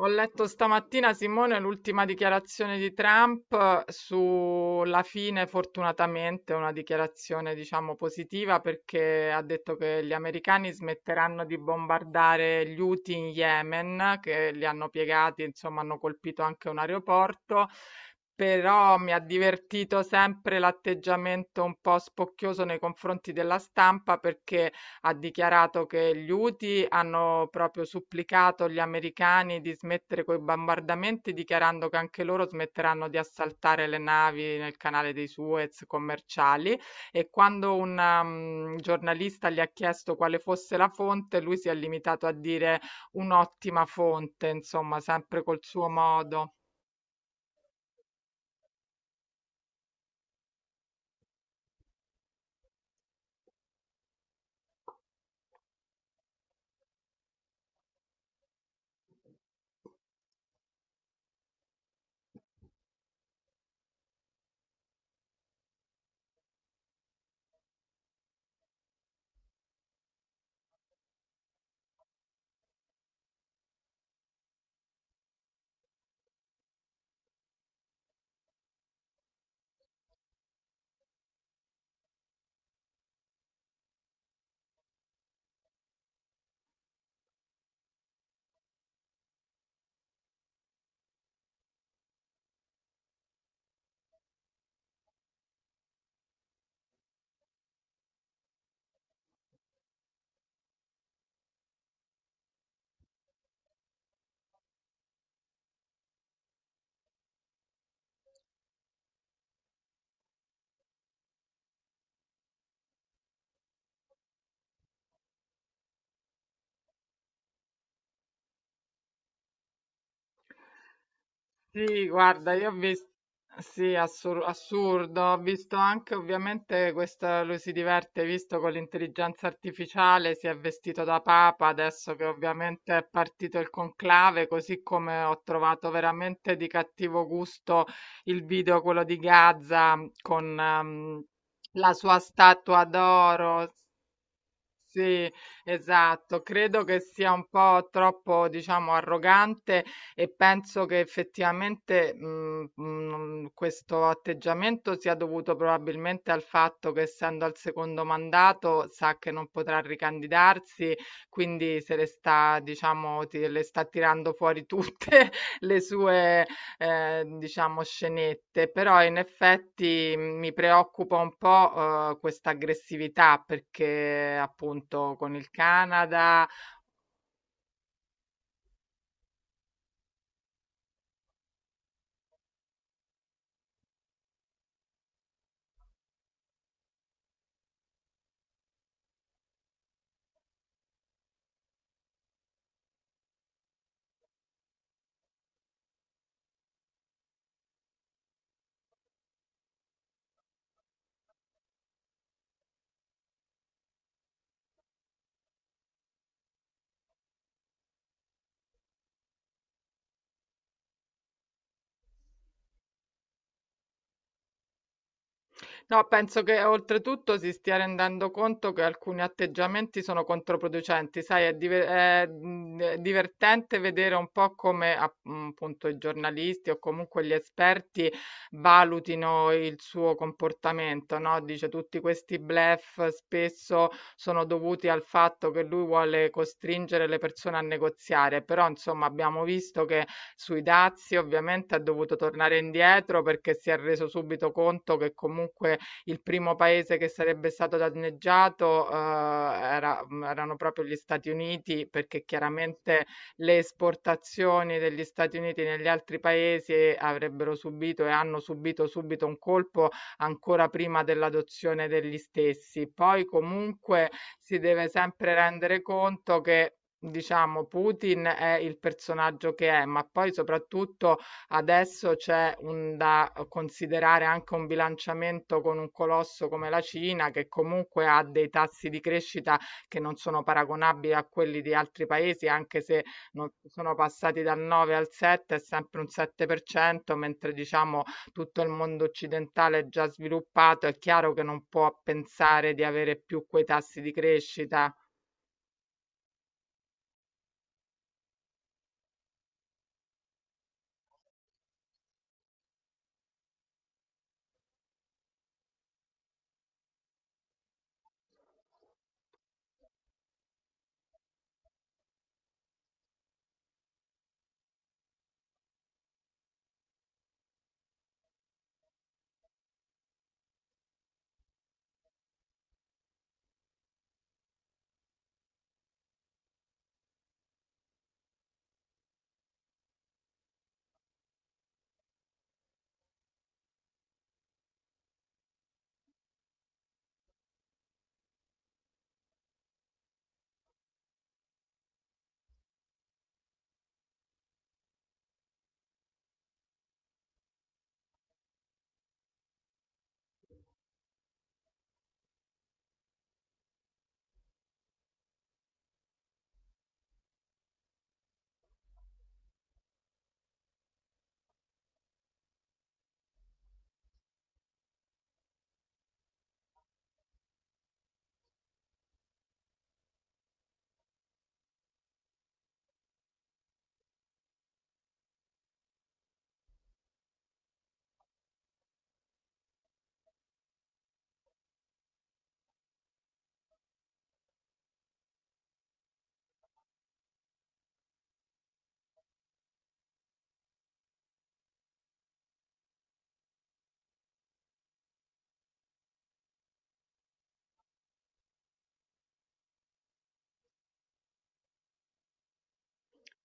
Ho letto stamattina, Simone, l'ultima dichiarazione di Trump sulla fine, fortunatamente, una dichiarazione, diciamo, positiva perché ha detto che gli americani smetteranno di bombardare gli Houthi in Yemen, che li hanno piegati, insomma, hanno colpito anche un aeroporto. Però mi ha divertito sempre l'atteggiamento un po' spocchioso nei confronti della stampa perché ha dichiarato che gli Houthi hanno proprio supplicato gli americani di smettere coi bombardamenti, dichiarando che anche loro smetteranno di assaltare le navi nel canale dei Suez commerciali. E quando un giornalista gli ha chiesto quale fosse la fonte, lui si è limitato a dire un'ottima fonte, insomma, sempre col suo modo. Sì, guarda, io ho visto, sì, assurdo, ho visto anche ovviamente questo, lui si diverte, hai visto con l'intelligenza artificiale, si è vestito da papa, adesso che ovviamente è partito il conclave, così come ho trovato veramente di cattivo gusto il video, quello di Gaza, con la sua statua d'oro. Sì, esatto. Credo che sia un po' troppo, diciamo, arrogante e penso che effettivamente questo atteggiamento sia dovuto probabilmente al fatto che essendo al secondo mandato sa che non potrà ricandidarsi, quindi se le sta, diciamo, le sta tirando fuori tutte le sue diciamo scenette, però in effetti mi preoccupa un po', questa aggressività perché appunto con il Canada. No, penso che oltretutto si stia rendendo conto che alcuni atteggiamenti sono controproducenti, sai, è, è divertente vedere un po' come appunto i giornalisti o comunque gli esperti valutino il suo comportamento, no? Dice tutti questi bluff spesso sono dovuti al fatto che lui vuole costringere le persone a negoziare, però insomma abbiamo visto che sui dazi ovviamente ha dovuto tornare indietro perché si è reso subito conto che comunque il primo paese che sarebbe stato danneggiato, erano proprio gli Stati Uniti, perché chiaramente le esportazioni degli Stati Uniti negli altri paesi avrebbero subito e hanno subito subito un colpo ancora prima dell'adozione degli stessi. Poi comunque si deve sempre rendere conto che, diciamo, Putin è il personaggio che è, ma poi soprattutto adesso c'è un da considerare anche un bilanciamento con un colosso come la Cina, che comunque ha dei tassi di crescita che non sono paragonabili a quelli di altri paesi, anche se non sono passati dal 9 al 7, è sempre un 7%, mentre diciamo tutto il mondo occidentale è già sviluppato, è chiaro che non può pensare di avere più quei tassi di crescita.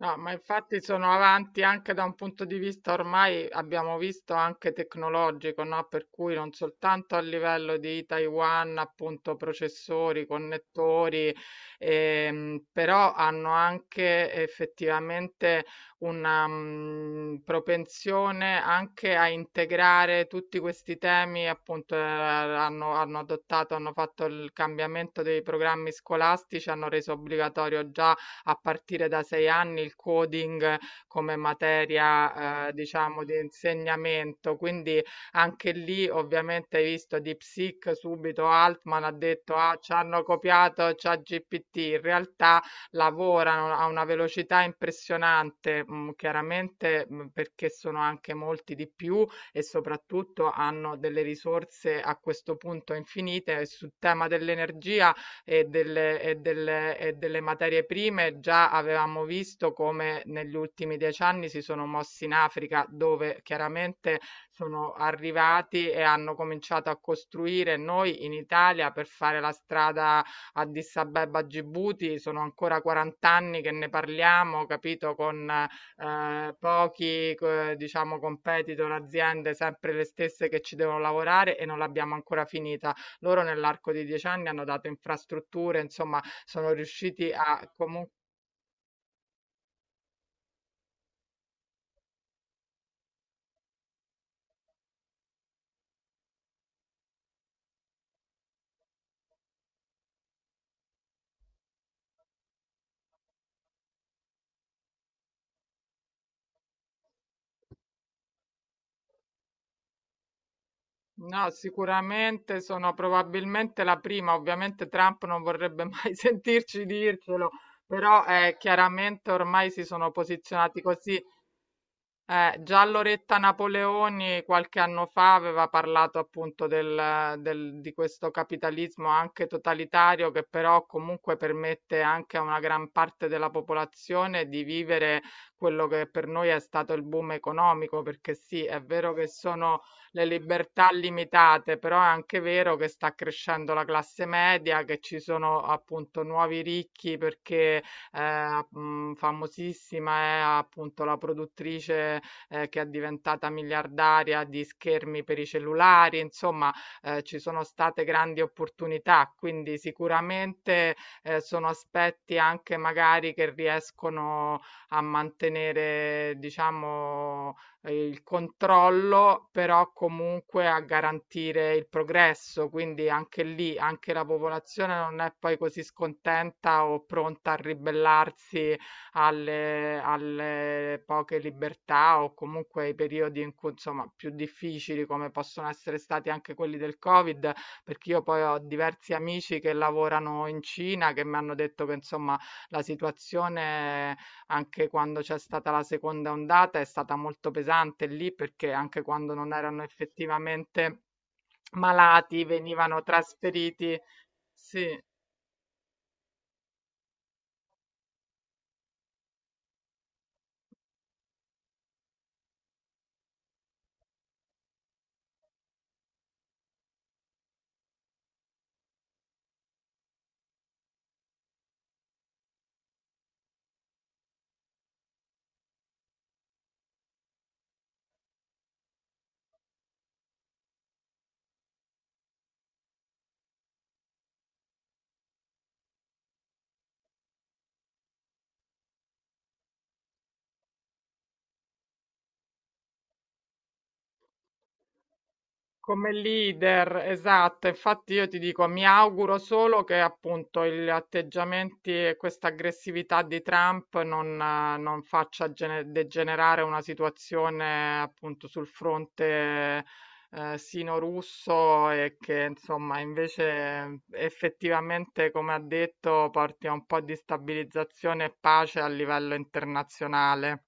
No, ma infatti sono avanti anche da un punto di vista ormai abbiamo visto anche tecnologico, no? Per cui non soltanto a livello di Taiwan, appunto, processori, connettori, però hanno anche effettivamente una propensione anche a integrare tutti questi temi, appunto, hanno, adottato, hanno fatto il cambiamento dei programmi scolastici, hanno reso obbligatorio già a partire da 6 anni il coding come materia, diciamo di insegnamento. Quindi anche lì ovviamente hai visto Deep Seek, subito Altman ha detto: "Ah, c'hanno copiato ChatGPT". In realtà lavorano a una velocità impressionante, chiaramente, perché sono anche molti di più e soprattutto hanno delle risorse a questo punto infinite. E sul tema dell'energia e delle materie prime, già avevamo visto come negli ultimi 10 anni si sono mossi in Africa, dove chiaramente sono arrivati e hanno cominciato a costruire. Noi in Italia per fare la strada Addis Abeba Gibuti sono ancora 40 anni che ne parliamo, capito, con, pochi co diciamo competitor, aziende sempre le stesse che ci devono lavorare e non l'abbiamo ancora finita. Loro nell'arco di 10 anni hanno dato infrastrutture, insomma, sono riusciti a comu no, sicuramente sono probabilmente la prima. Ovviamente Trump non vorrebbe mai sentirci dircelo, però, chiaramente ormai si sono posizionati così. Già Loretta Napoleoni qualche anno fa aveva parlato appunto di questo capitalismo anche totalitario che però comunque permette anche a una gran parte della popolazione di vivere quello che per noi è stato il boom economico, perché sì, è vero che sono le libertà limitate, però è anche vero che sta crescendo la classe media, che ci sono appunto nuovi ricchi perché famosissima è appunto la produttrice che è diventata miliardaria di schermi per i cellulari, insomma, ci sono state grandi opportunità, quindi sicuramente sono aspetti anche magari che riescono a mantenere, diciamo, il controllo, però comunque a garantire il progresso, quindi anche lì, anche la popolazione non è poi così scontenta o pronta a ribellarsi alle poche libertà o comunque ai periodi in cui, insomma, più difficili come possono essere stati anche quelli del Covid, perché io poi ho diversi amici che lavorano in Cina che mi hanno detto che insomma la situazione anche quando c'è stata la seconda ondata è stata molto pesante lì perché anche quando non erano effettivamente malati venivano trasferiti. Sì, come leader, esatto, infatti io ti dico, mi auguro solo che appunto gli atteggiamenti e questa aggressività di Trump non, non faccia degenerare una situazione appunto sul fronte sino-russo e che insomma invece effettivamente, come ha detto, porti a un po' di stabilizzazione e pace a livello internazionale.